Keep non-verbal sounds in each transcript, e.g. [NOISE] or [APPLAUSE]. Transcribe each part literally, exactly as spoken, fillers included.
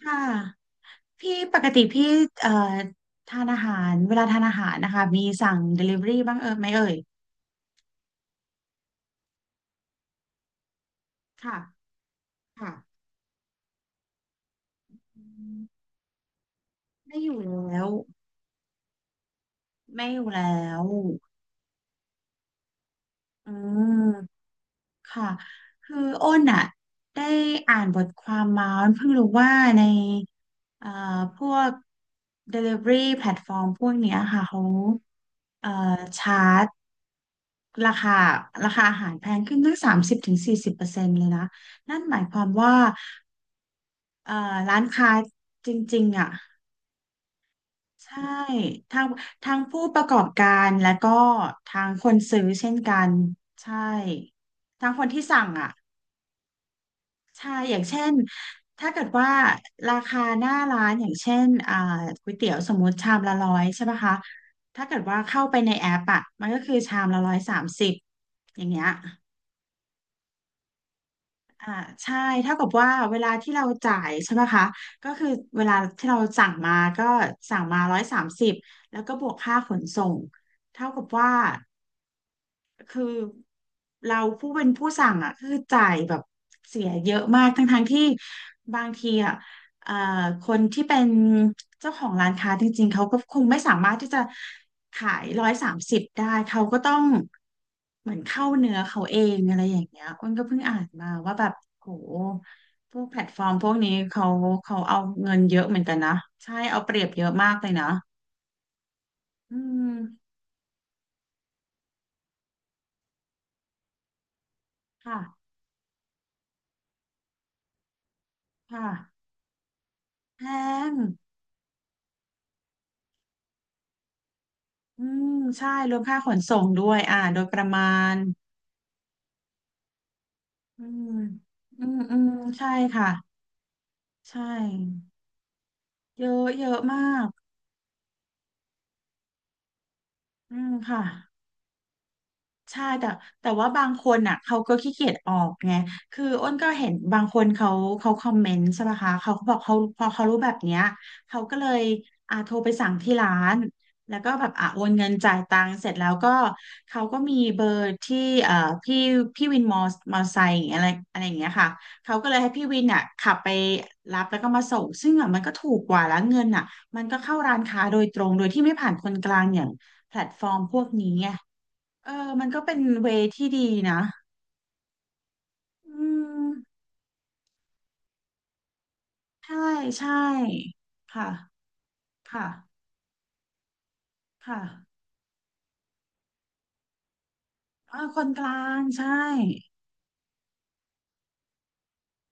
ค่ะพี่ปกติพี่เอ่อทานอาหารเวลาทานอาหารนะคะมีสั่ง Delivery บ้างเออไหมเอ่ยค่ะค่ะอืมไม่อยู่แล้วไม่อยู่แล้วอืมค่ะคืออ้นอ่ะได้อ่านบทความมาอ้นเพิ่งรู้ว่าในเอ่อพวก Delivery แพลตฟอร์มพวกเนี้ยค่ะเขาเอ่อชาร์จ ราคาราคาอาหารแพงขึ้นตั้งสามสิบถึงสี่สิบเปอร์เซ็นต์เลยนะนั่นหมายความว่าเอ่อร้านค้าจริงๆอ่ะใช่ทางทางผู้ประกอบการและก็ทางคนซื้อเช่นกันใช่ทางคนที่สั่งอ่ะใช่อย่างเช่นถ้าเกิดว่าราคาหน้าร้านอย่างเช่นอ่าก๋วยเตี๋ยวสมมติชามละร้อยใช่ปะคะถ้าเกิดว่าเข้าไปในแอปอ่ะมันก็คือชามละร้อยสามสิบอย่างเงี้ย อ่าใช่เท่ากับว่าเวลาที่เราจ่ายใช่ไหมคะก็คือเวลาที่เราสั่งมาก็สั่งมาร้อยสามสิบแล้วก็บวกค่าขนส่งเท่ากับว่า คือเราผู้เป็นผู้สั่งอ่ะคือจ่ายแบบเสียเยอะมากทั้งทั้งที่บางทีอ่ะเอ่อคนที่เป็นเจ้าของร้านค้าจริงๆเขาก็คงไม่สามารถที่จะขายร้อยสามสิบได้เขาก็ต้องเหมือนเข้าเนื้อเขาเองอะไรอย่างเงี้ยอ้นก็เพิ่งอ่านมาว่าแบบโหพวกแพลตฟอร์มพวกนี้เขาเขาเอาเงินเยอะเหมือนกันนะใช่เอาเปรียบเยอะมากเลยนะอืมค่ะค่ะแพง อืมใช่รวมค่าขนส่งด้วยอ่าโดยประมาณอืมอืมอืมใช่ค่ะใช่เยอะเยอะมากอืมค่ะ ใช่แต่แต่ว่าบางคนอ่ะเขาก็ขี้เกียจออกไงคืออ้นก็เห็นบางคนเขาเขาคอมเมนต์ใช่ไหมคะเขาก็บอกเขาพอเขารู้แบบเนี้ยเขาก็เลยอ่าโทรไปสั่งที่ร้านแล้วก็แบบอ่ะโอนเงินจ่ายตังค์เสร็จแล้วก็เขาก็มีเบอร์ที่เอ่อพี่พี่วินมอมอไซค์อย่างอะไรอะไรอย่างเงี้ยค่ะเขาก็เลยให้พี่วินอ่ะขับไปรับแล้วก็มาส่งซึ่งอ่ะมันก็ถูกกว่าแล้วเงินอ่ะมันก็เข้าร้านค้าโดยตรงโดยที่ไม่ผ่านคนกลางอย่างแพลตฟอร์มพวกนี้ไง เออมันก็เป็นเวย์ที่ดีนะอืมใช่ใช่ค่ะค่ะค่ะเออคนกลางใช่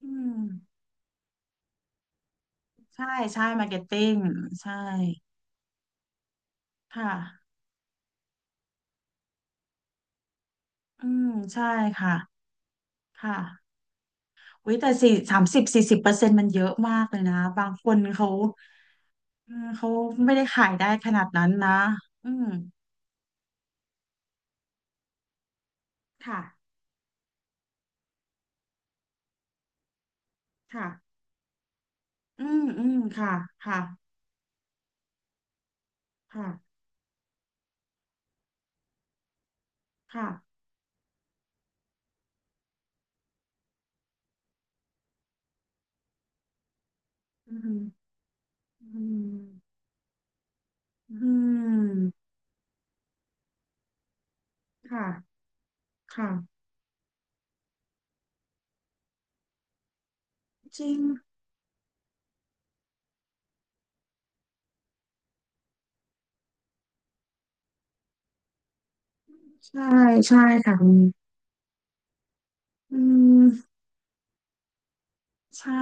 อืมใช่ใช่มาร์เก็ตติ้งใช่ค่ะอืมใช่ค่ะค่ะวิแต่สี่สามสิบสี่สิบเปอร์เซ็นต์มันเยอะมากเลยนะ บางคนเขาเออเขาไม่ได้ขายได้ขนาดนั้นนะอืมค่ะค่ะอืมอืมค่ะค่ะค่ะค่ะอืมอืม อืมค่ะค่ะจริงใช่ใช่ค่ะคุณอืมใช่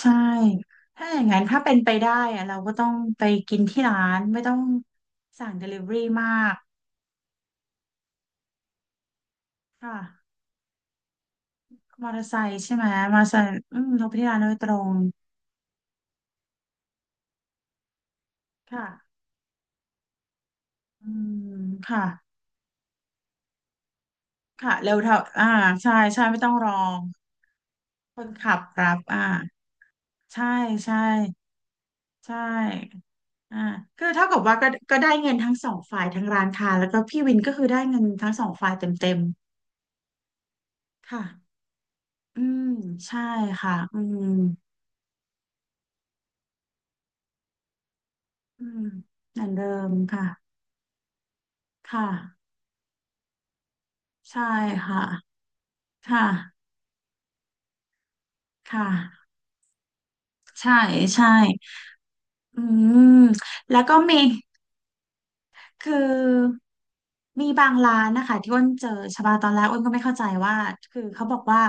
ใช่ถ้าอย่างนั้นถ้าเป็นไปได้อะเราก็ต้องไปกินที่ร้านไม่ต้องสั่ง Delivery มากค่ะมอเตอร์ไซค์ใช่ไหมมอเตอร์ไซค์อืมเราไปที่ร้านโดยตรงค่ะอืมค่ะค่ะเร็วเท่าอ่าใช่ใช่ไม่ต้องรอคนขับรับอ่าใช่ใช่ ใช่อ่าคือเท่ากับว่าก็ก็ได้เงินทั้งสองฝ่ายทั้งร้านค้าแล้วก็พี่วินก็คือได้เงินทั้งสองฝ่ายเต็มๆค่ะอืมใช่ค่ะอืมอืมเหมือนเดิมค่ะค่ะใช่ค่ะค่ะค่ะใช่ใช่อืมแล้วก็มี คือมีบางร้านนะคะที่อ้นเจอชบาตอนแรกอ้นก็ไม่เข้าใจว่าคือเขาบอกว่า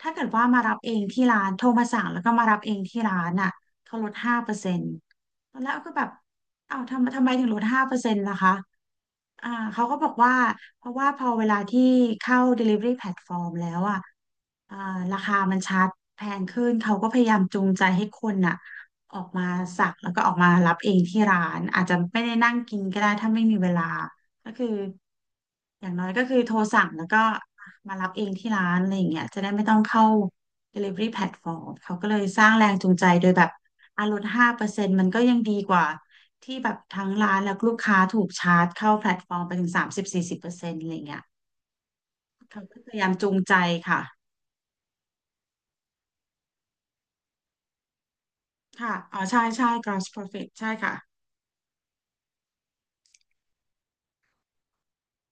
ถ้าเกิดว่ามารับเองที่ร้านโทรมาสั่งแล้วก็มารับเองที่ร้านอ่ะเขาลดห้าเปอร์เซ็นต์ตอนแรกอ้นก็แบบอ้าวทำทำไมถึงลดห้าเปอร์เซ็นต์ล่ะคะอ่าเขาก็บอกว่าเพราะว่าพอเวลาที่เข้า delivery platform แล้วอ่ะอ่าราคามันชัดแพงขึ้นเขาก็พยายามจูงใจให้คนอ่ะ ออกมาสั่งแล้วก็ออกมารับเองที่ร้านอาจจะไม่ได้นั่งกินก็ได้ถ้าไม่มีเวลาก็คืออย่างน้อยก็คือโทรสั่งแล้วก็มารับเองที่ร้านอะไรอย่างเงี้ยจะได้ไม่ต้องเข้า delivery platform เขาก็เลยสร้างแรงจูงใจโดยแบบอาลดห้าเปอร์เซ็นต์มันก็ยังดีกว่าที่แบบทั้งร้านแล้วลูกค้าถูกชาร์จเข้าแพลตฟอร์มไปถึงสามสิบสี่สิบเปอร์เซ็นต์อะไรเงี้ยเขาก็พยายามจูงใจค่ะค่ะอ๋อใช่ใช่ gross profit ใช่ค่ะ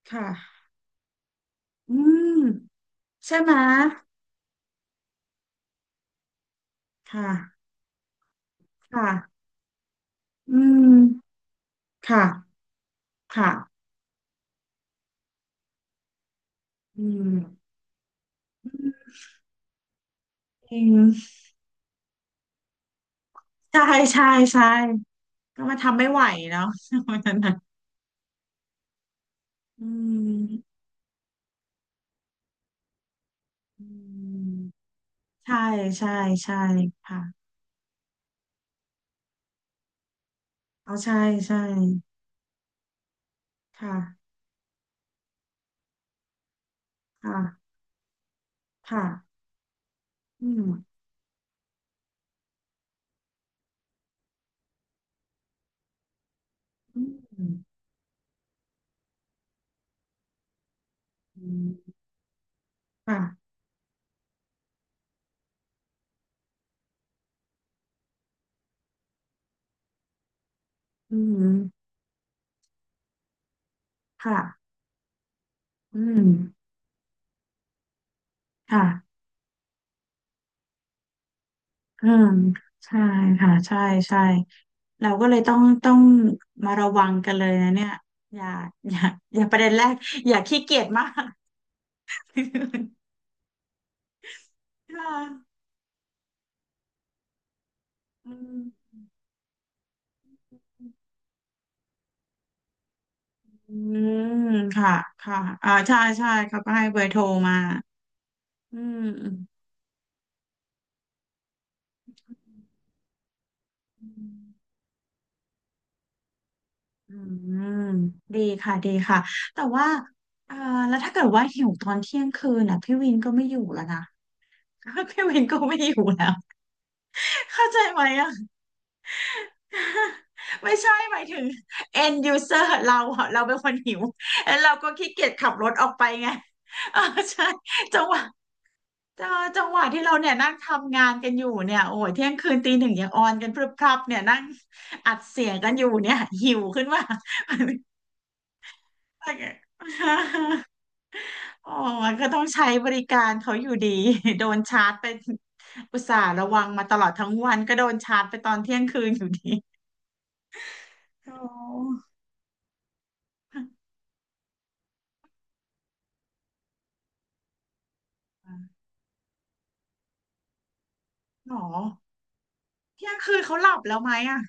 ค่ะอืมใช่ไหม ค่ะค่ะอืมค่ะค่ะอืมจริงใช่ใช่ใช่ก็มาทำไม่ไหวเนาะ [LAUGHS] วันนั้นน่ะอืมอืมใช่ใช่ใช่ค่ะเอาใช่ใช่ค่ะค่ะค่ะอืมอืมอืมค่ะอืมค่ะอืมค่ะ อืมใช่ค่ะใช่ใช่เราก็เลยต้องต้องมาระวังกันเลยนะเนี่ยอย่าอย่าอย่าประเด็นแรกอย่าขี้เกียจมากค่ะอืมอืมค่ะค่ะอ่าใช่ใช่เขาก็ให้เบอร์โทรมาอืมอืมอืมดีค่ะดีค่ะแต่ว่าเอ่อแล้วถ้าเกิดว่าหิวตอนเที่ยงคืนน่ะพี่วินก็ไม่อยู่แล้วนะ [LAUGHS] พี่วินก็ไม่อยู่แล้วเข้าใจไหมอะ [LAUGHS] ไม่ใช่หมายถึง end user เราอะเราเป็นคนหิวแล้วเราก็ขี้เกียจขับรถออกไปไง [LAUGHS] เออใช่จังหวะเออจังหวะที่เราเนี่ยนั่งทำงานกันอยู่เนี่ยโอ้ยเที่ยงคืนตีหนึ่งยังออนกันพรึบพรับเนี่ยนั่งอัดเสียงกันอยู่เนี่ยหิวขึ้นมา [LAUGHS] โอ้มันก็ต้องใช้บริการเขาอยู่ดีโดนชาร์จไปอุตส่าห์ระวังมาตลอดทั้งวันก็โดนชาร์จไปตอนเที่ยงคืนอยู่ดีโอ้ [LAUGHS] หนอ เที่ยงคืนเขาหลับแล้วไหมอ่ะ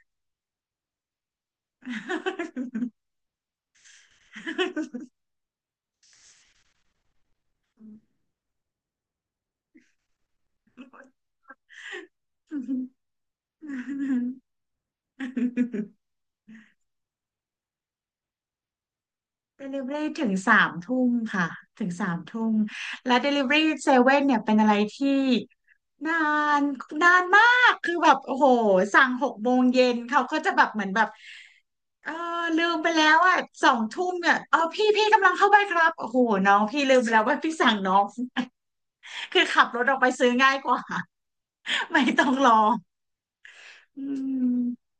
เดลิเวอรี่ถึงสามทุ่มค่ะถึงสามทุ่มและเดลิเวอรี่เซเว่นเนี่ยเป็นอะไรที่นานนานมากคือแบบโอ้โหสั่งหกโมงเย็นเขาก็จะแบบเหมือนแบบเออลืมไปแล้วอ่ะสองทุ่มเนี่ยเออพี่พี่กำลังเข้าไปครับโอ้โหน้องพี่ลืมไปแล้วว่าพี่สั่งน้อง [LAUGHS] คือขับรถออกไปซื้อง่ายกว่าไม่ต้องรอ อืม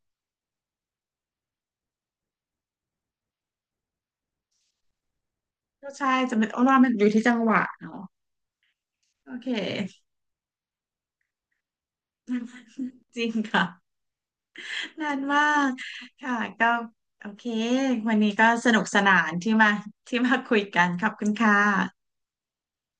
ก็ใช่จะเป็นโอ้ว่ามันอยู่ที่จังหวะเนาะโอเค [LAUGHS] จริงค่ะนานมากค่ะก็โอเควันนี้ก็สนุกสนานที่มาที่มาคุยกันขอบคุณค่ะ